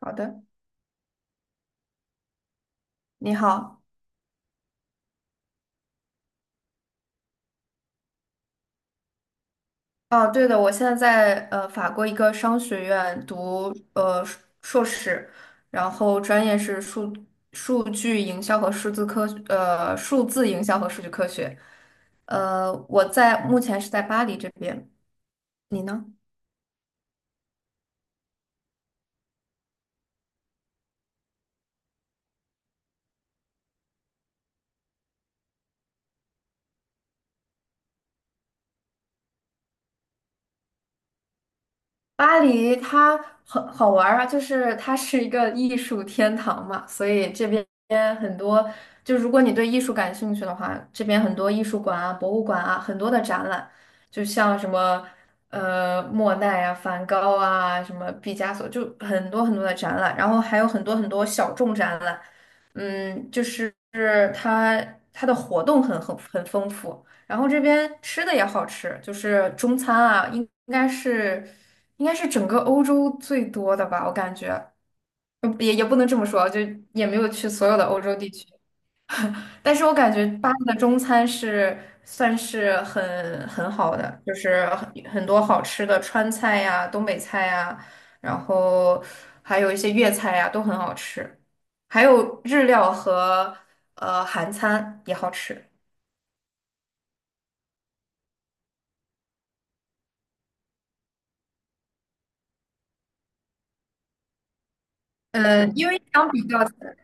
好的，你好。哦，对的，我现在在法国一个商学院读硕士，然后专业是数据营销和数字营销和数据科学。我在目前是在巴黎这边，你呢？巴黎它很好玩儿啊，就是它是一个艺术天堂嘛，所以这边很多，就如果你对艺术感兴趣的话，这边很多艺术馆啊、博物馆啊，很多的展览，就像什么莫奈啊、梵高啊、什么毕加索，就很多很多的展览，然后还有很多很多小众展览，嗯，就是它它的活动很丰富。然后这边吃的也好吃，就是中餐啊，应该是整个欧洲最多的吧，我感觉，也不能这么说，就也没有去所有的欧洲地区，但是我感觉巴黎的中餐是算是很好的，就是很多好吃的川菜呀、东北菜呀，然后还有一些粤菜呀，都很好吃，还有日料和韩餐也好吃。因为相比较起来。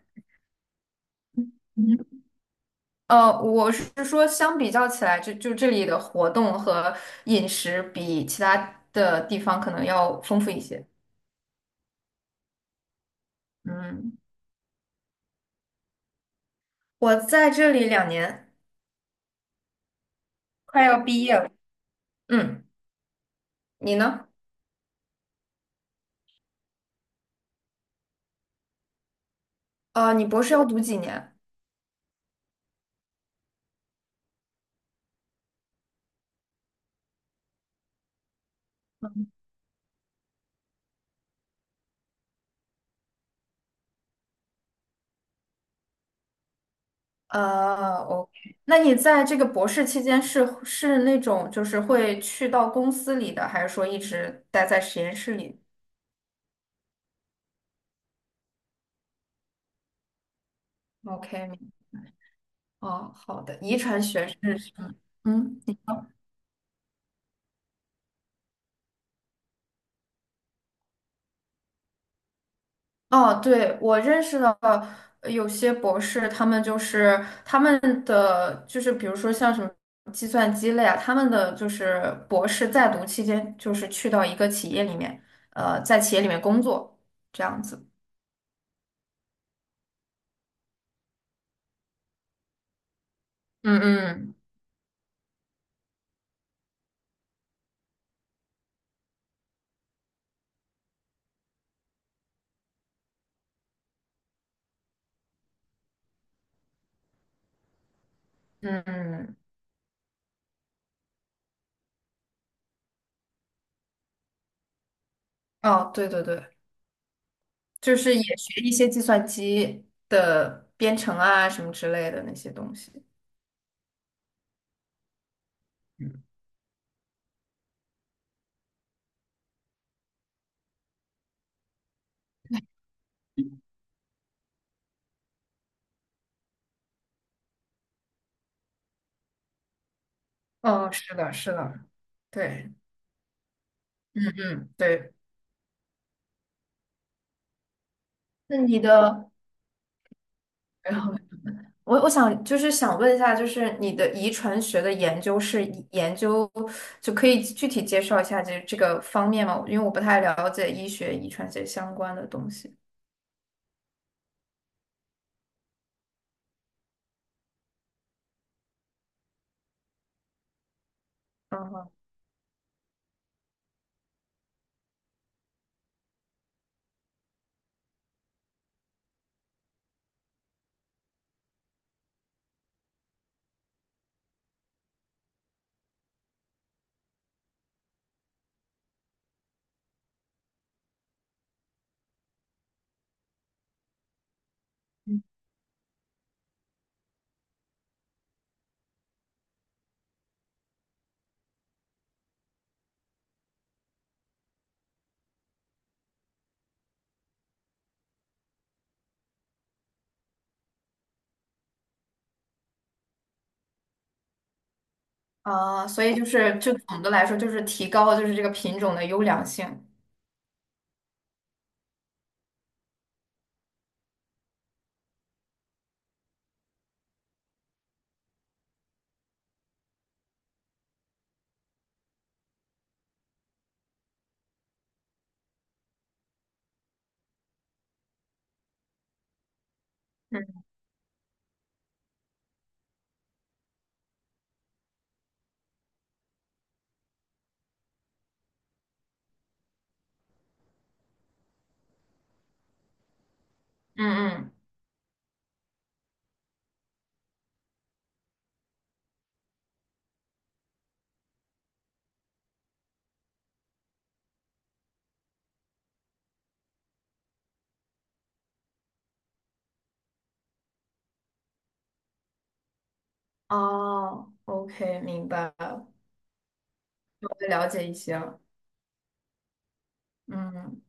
我是说，相比较起来，就这里的活动和饮食比其他的地方可能要丰富一些。嗯我在这里2年，快要毕业了。嗯，你呢？你博士要读几年？OK，那你在这个博士期间是那种就是会去到公司里的，还是说一直待在实验室里？OK，哦，好的，遗传学是什么？嗯。哦，对，我认识的有些博士，他们就是他们的就是比如说像什么计算机类啊，他们的就是博士在读期间，就是去到一个企业里面，在企业里面工作这样子。嗯嗯嗯嗯，哦，对对对，就是也学一些计算机的编程啊什么之类的那些东西。哦，是的，是的，对，嗯嗯，对。那你的，我想就是想问一下，就是你的遗传学的研究是以研究，就可以具体介绍一下这个方面吗？因为我不太了解医学遗传学相关的东西。嗯哼，啊，所以就是就总的来说，就是提高了就是这个品种的优良性。嗯嗯嗯，哦，OK，明白了，我了解一些了。嗯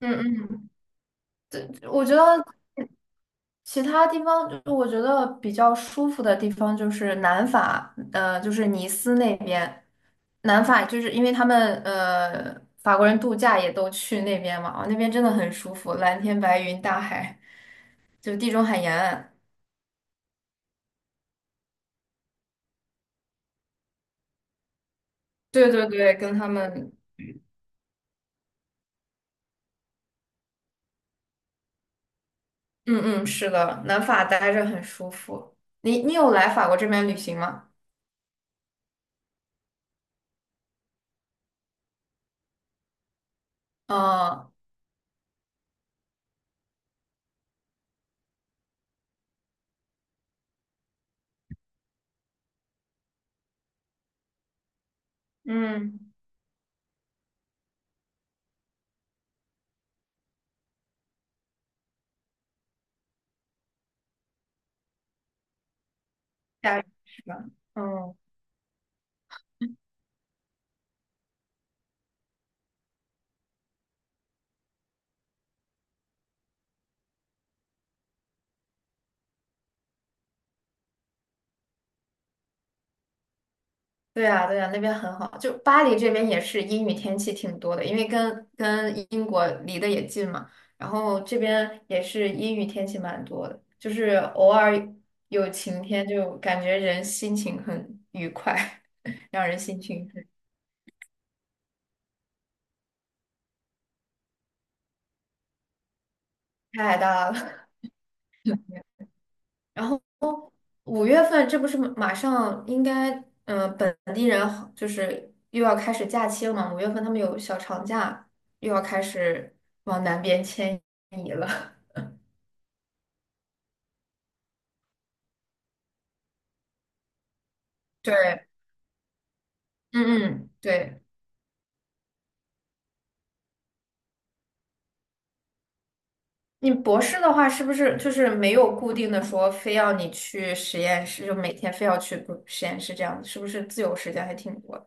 嗯嗯，我觉得。其他地方，就我觉得比较舒服的地方就是南法，就是尼斯那边。南法就是因为他们法国人度假也都去那边嘛，啊，那边真的很舒服，蓝天白云、大海，就地中海沿岸。对对对，跟他们，嗯嗯，是的，南法待着很舒服。你有来法国这边旅行吗？嗯嗯，大是吧？嗯。对啊，对啊，那边很好。就巴黎这边也是阴雨天气挺多的，因为跟英国离得也近嘛，然后这边也是阴雨天气蛮多的，就是偶尔有晴天，就感觉人心情很愉快，让人心情很。太大了。然后五月份这不是马上应该，本地人好就是又要开始假期了嘛，五月份他们有小长假，又要开始往南边迁移了。对，嗯嗯，对，你博士的话，是不是就是没有固定的说非要你去实验室，就每天非要去不实验室这样子，是不是自由时间还挺多的？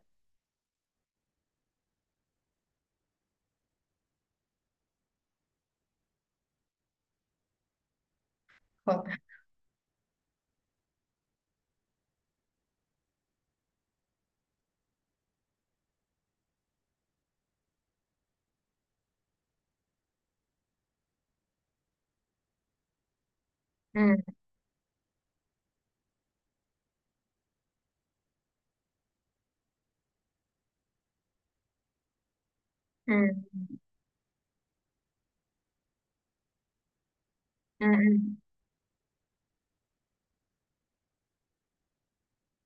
哦，嗯嗯嗯嗯，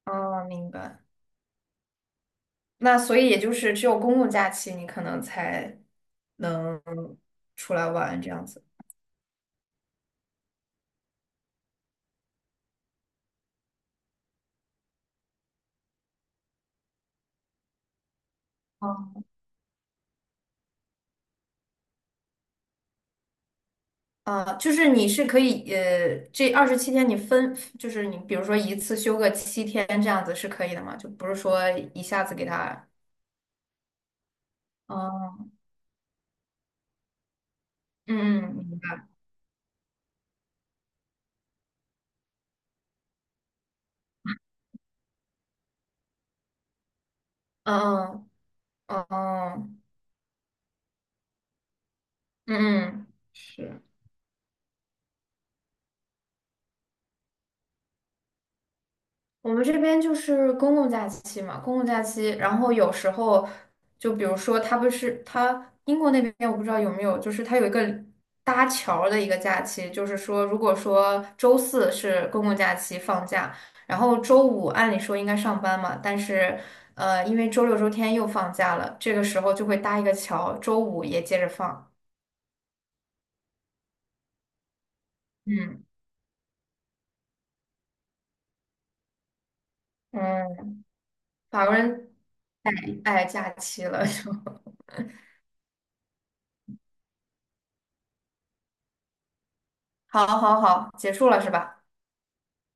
哦，明白。那所以也就是只有公共假期，你可能才能出来玩这样子。哦，啊，就是你是可以，这27天你分，就是你比如说一次休个七天这样子是可以的吗？就不是说一下子给他。哦。嗯嗯，明白。嗯嗯嗯嗯嗯，是我们这边就是公共假期嘛，公共假期，然后有时候就比如说，它不是它英国那边我不知道有没有，就是它有一个搭桥儿的一个假期，就是说，如果说周四是公共假期放假，然后周五按理说应该上班嘛，但是因为周六周天又放假了，这个时候就会搭一个桥，周五也接着放。嗯嗯，法国人。哎，假期了就，好好好，结束了是吧？